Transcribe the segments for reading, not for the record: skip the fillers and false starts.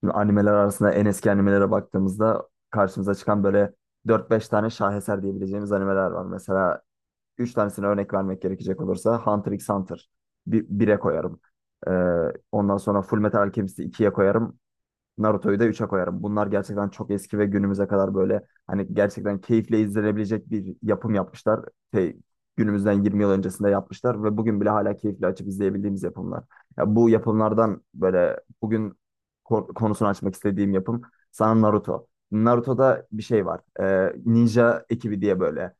Şimdi animeler arasında en eski animelere baktığımızda karşımıza çıkan böyle dört beş tane şaheser diyebileceğimiz animeler var. Mesela 3 tanesine örnek vermek gerekecek olursa Hunter x Hunter bir, 1'e koyarım. Ee, ondan sonra Fullmetal Alchemist'i 2'ye koyarım. Naruto'yu da 3'e koyarım. Bunlar gerçekten çok eski ve günümüze kadar böyle hani gerçekten keyifle izlenebilecek bir yapım yapmışlar. Şey, günümüzden 20 yıl öncesinde yapmışlar ve bugün bile hala keyifle açıp izleyebildiğimiz yapımlar. Ya bu yapımlardan böyle bugün konusunu açmak istediğim yapım sana Naruto. Naruto'da bir şey var. Ninja ekibi diye böyle.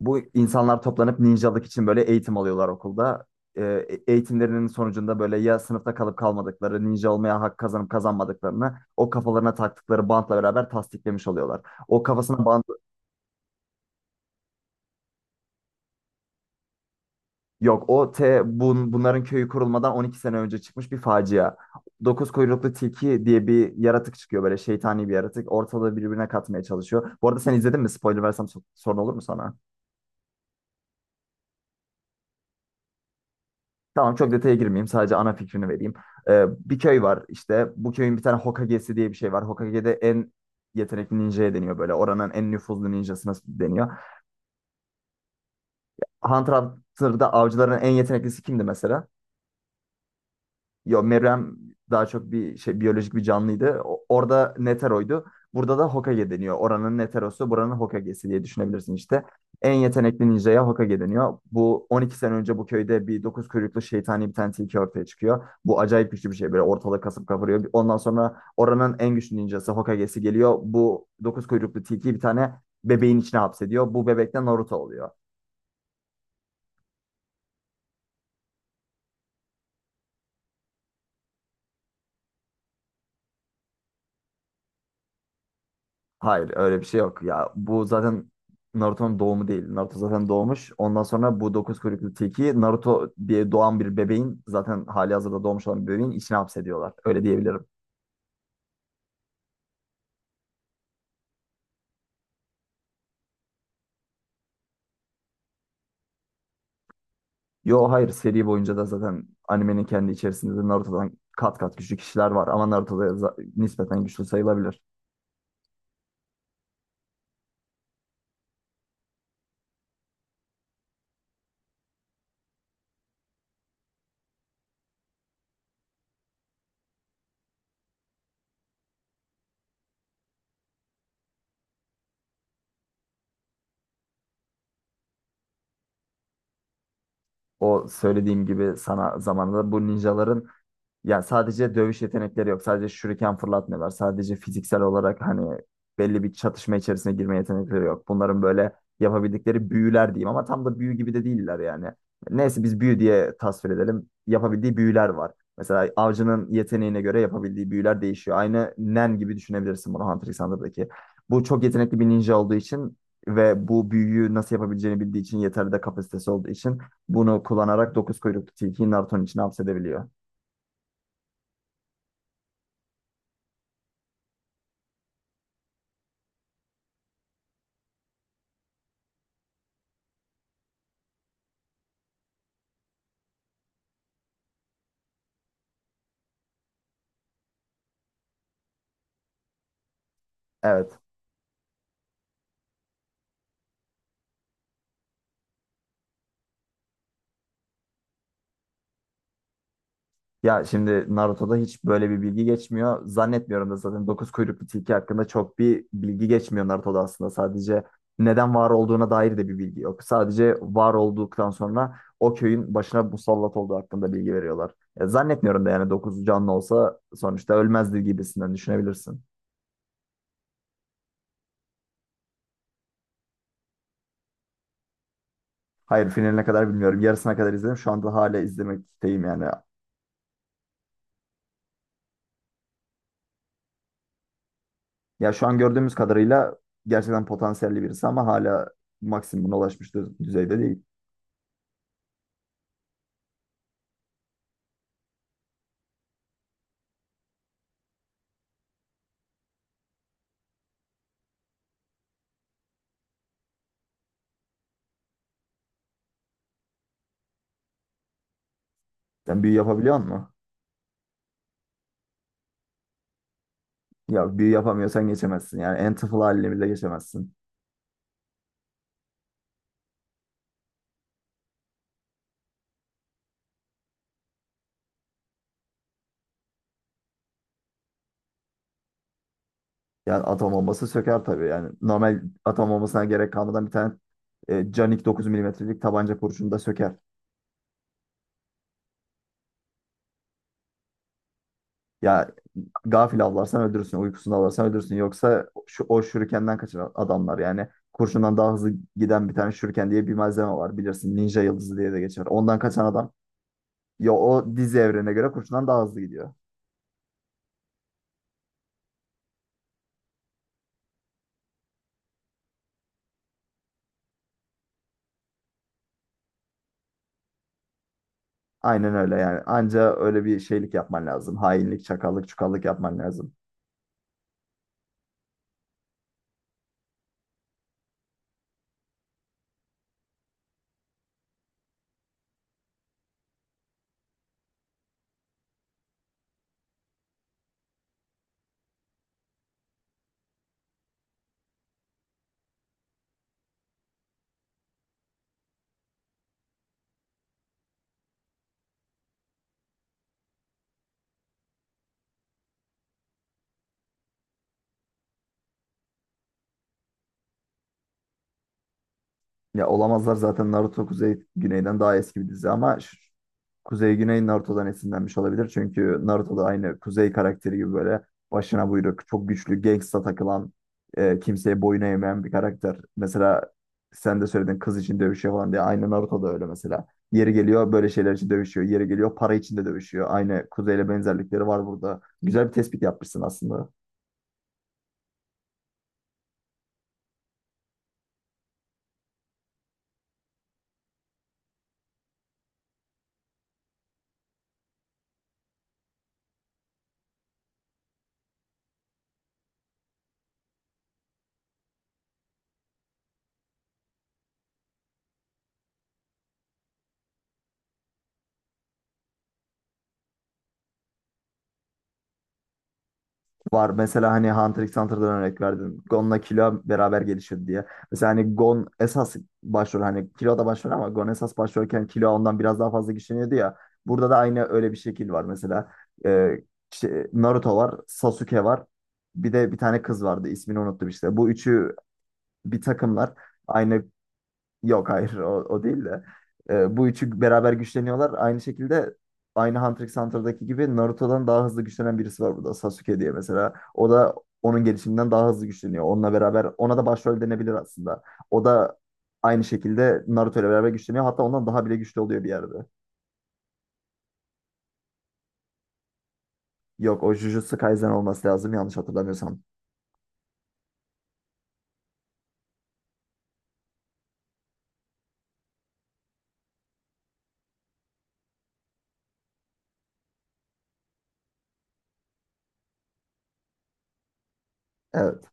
Bu insanlar toplanıp ninjalık için böyle eğitim alıyorlar okulda. Ee, eğitimlerinin sonucunda böyle ya sınıfta kalıp kalmadıkları, ninja olmaya hak kazanıp kazanmadıklarını o kafalarına taktıkları bantla beraber tasdiklemiş oluyorlar. O kafasına bant yok. Bunların köyü kurulmadan 12 sene önce çıkmış bir facia. Dokuz kuyruklu tilki diye bir yaratık çıkıyor böyle şeytani bir yaratık. Ortalığı birbirine katmaya çalışıyor. Bu arada sen izledin mi? Spoiler versem sorun olur mu sana? Tamam çok detaya girmeyeyim. Sadece ana fikrini vereyim. Bir köy var işte. Bu köyün bir tane Hokage'si diye bir şey var. Hokage'de en yetenekli ninja'ya deniyor böyle. Oranın en nüfuzlu ninjasına deniyor. Hunter x Hunter'da avcıların en yeteneklisi kimdi mesela? Yo Meruem daha çok bir şey biyolojik bir canlıydı. Orada Netero'ydu. Burada da Hokage deniyor. Oranın Netero'su, buranın Hokage'si diye düşünebilirsin işte. En yetenekli ninja'ya Hokage deniyor. Bu 12 sene önce bu köyde bir dokuz kuyruklu şeytani bir tane tilki ortaya çıkıyor. Bu acayip güçlü bir şey böyle ortalığı kasıp kavuruyor. Ondan sonra oranın en güçlü ninjası Hokage'si geliyor. Bu dokuz kuyruklu tilkiyi bir tane bebeğin içine hapsediyor. Bu bebek de Naruto oluyor. Hayır öyle bir şey yok. Ya bu zaten Naruto'nun doğumu değil. Naruto zaten doğmuş. Ondan sonra bu dokuz kuyruklu tilkiyi Naruto diye doğan bir bebeğin zaten hali hazırda doğmuş olan bir bebeğin içine hapsediyorlar. Öyle diyebilirim. Yo hayır seri boyunca da zaten animenin kendi içerisinde de Naruto'dan kat kat güçlü kişiler var. Ama Naruto da nispeten güçlü sayılabilir. O söylediğim gibi sana zamanında bu ninjaların. Ya sadece dövüş yetenekleri yok. Sadece şuriken fırlatmıyorlar. Sadece fiziksel olarak hani belli bir çatışma içerisine girme yetenekleri yok. Bunların böyle yapabildikleri büyüler diyeyim ama tam da büyü gibi de değiller yani. Neyse biz büyü diye tasvir edelim. Yapabildiği büyüler var. Mesela avcının yeteneğine göre yapabildiği büyüler değişiyor. Aynı Nen gibi düşünebilirsin bunu Hunter x Hunter'daki. Bu çok yetenekli bir ninja olduğu için ve bu büyüyü nasıl yapabileceğini bildiği için yeterli de kapasitesi olduğu için bunu kullanarak dokuz kuyruklu tilkiyi Naruto'nun içine hapsedebiliyor. Evet. Ya şimdi Naruto'da hiç böyle bir bilgi geçmiyor. Zannetmiyorum da zaten dokuz kuyruklu tilki hakkında çok bir bilgi geçmiyor Naruto'da aslında. Sadece neden var olduğuna dair de bir bilgi yok. Sadece var olduktan sonra o köyün başına musallat olduğu hakkında bilgi veriyorlar. Ya zannetmiyorum da yani dokuz canlı olsa sonuçta ölmezdi gibisinden düşünebilirsin. Hayır finaline kadar bilmiyorum. Yarısına kadar izledim. Şu anda hala izlemekteyim yani. Ya şu an gördüğümüz kadarıyla gerçekten potansiyelli birisi ama hala maksimuma ulaşmış düzeyde değil. Sen büyü yapabiliyor musun? Ya büyü yapamıyorsan geçemezsin. Yani en tıfıl haline bile geçemezsin. Yani atom bombası söker tabii. Yani normal atom bombasına gerek kalmadan bir tane canik 9 milimetrelik tabanca kurşunu da söker. Ya gafil avlarsan öldürürsün, uykusunu avlarsan öldürürsün. Yoksa şu, o şurikenden kaçan adamlar yani kurşundan daha hızlı giden bir tane şuriken diye bir malzeme var bilirsin. Ninja yıldızı diye de geçer. Ondan kaçan adam ya o dizi evrene göre kurşundan daha hızlı gidiyor. Aynen öyle yani. Anca öyle bir şeylik yapman lazım. Hainlik, çakallık, çukallık yapman lazım. Ya olamazlar zaten Naruto Kuzey Güney'den daha eski bir dizi ama Kuzey Güney Naruto'dan esinlenmiş olabilir. Çünkü Naruto'da aynı Kuzey karakteri gibi böyle başına buyruk, çok güçlü, gangsta takılan, kimseye boyun eğmeyen bir karakter. Mesela sen de söyledin kız için dövüşüyor falan diye. Aynı Naruto'da öyle mesela. Yeri geliyor böyle şeyler için dövüşüyor. Yeri geliyor para için de dövüşüyor. Aynı Kuzey'le benzerlikleri var burada. Güzel bir tespit yapmışsın aslında. Var. Mesela hani Hunter x Hunter'dan örnek verdin. Gon'la Killua beraber gelişir diye. Mesela hani Gon esas başrol hani Killua da başrol ama Gon esas başrolken Killua ondan biraz daha fazla güçleniyordu ya. Burada da aynı öyle bir şekil var mesela. Ee, Naruto var, Sasuke var. Bir de bir tane kız vardı. İsmini unuttum işte. Bu üçü bir takımlar. Aynı Yok hayır o değil de. Bu üçü beraber güçleniyorlar. Aynı şekilde aynı Hunter x Hunter'daki gibi Naruto'dan daha hızlı güçlenen birisi var burada. Sasuke diye mesela. O da onun gelişiminden daha hızlı güçleniyor. Onunla beraber ona da başrol denebilir aslında. O da aynı şekilde Naruto ile beraber güçleniyor. Hatta ondan daha bile güçlü oluyor bir yerde. Yok o Jujutsu Kaisen olması lazım yanlış hatırlamıyorsam. Evet.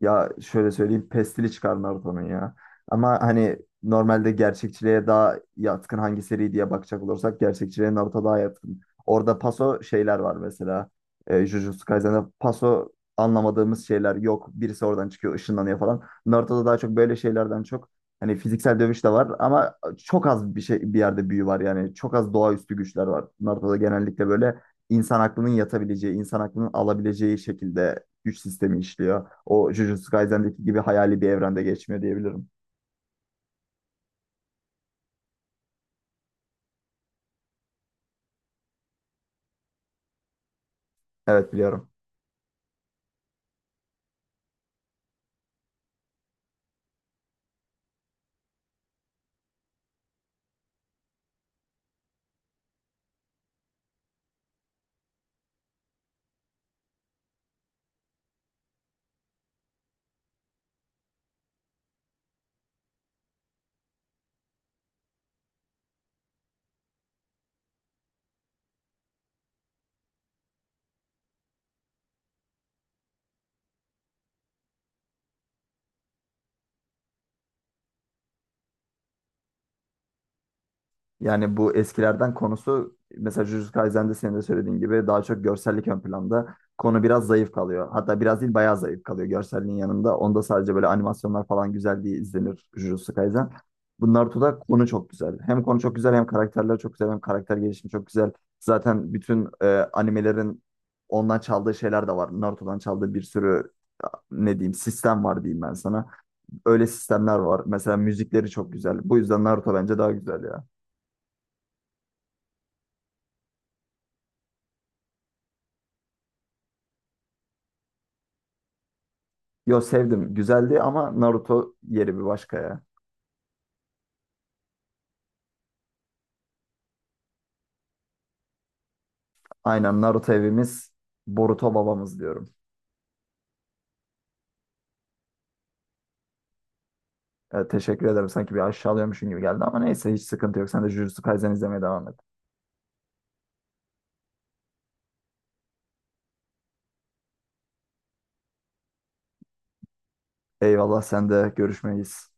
Ya şöyle söyleyeyim pestili çıkar Naruto'nun ya. Ama hani normalde gerçekçiliğe daha yatkın hangi seri diye bakacak olursak gerçekçiliğe Naruto daha yatkın. Orada paso şeyler var mesela. E, Jujutsu Kaisen'de paso anlamadığımız şeyler yok. Birisi oradan çıkıyor ışınlanıyor falan. Naruto'da daha çok böyle şeylerden çok hani fiziksel dövüş de var ama çok az bir şey bir yerde büyü var yani. Çok az doğaüstü güçler var. Naruto'da genellikle böyle insan aklının yatabileceği, insan aklının alabileceği şekilde güç sistemi işliyor. O Jujutsu Kaisen'deki gibi hayali bir evrende geçmiyor diyebilirim. Evet biliyorum. Yani bu eskilerden konusu mesela Jujutsu Kaisen'de senin de söylediğin gibi daha çok görsellik ön planda. Konu biraz zayıf kalıyor. Hatta biraz değil bayağı zayıf kalıyor görselliğin yanında. Onda sadece böyle animasyonlar falan güzel diye izlenir Jujutsu Kaisen. Bu Naruto'da konu çok güzel. Hem konu çok güzel hem karakterler çok güzel hem karakter gelişimi çok güzel. Zaten bütün animelerin ondan çaldığı şeyler de var. Naruto'dan çaldığı bir sürü ne diyeyim sistem var diyeyim ben sana. Öyle sistemler var. Mesela müzikleri çok güzel. Bu yüzden Naruto bence daha güzel ya. Yo sevdim. Güzeldi ama Naruto yeri bir başka ya. Aynen Naruto evimiz, Boruto babamız diyorum. Evet, teşekkür ederim. Sanki bir aşağılıyormuşum gibi geldi ama neyse hiç sıkıntı yok. Sen de Jujutsu Kaisen izlemeye devam et. Eyvallah sen de görüşmeyiz.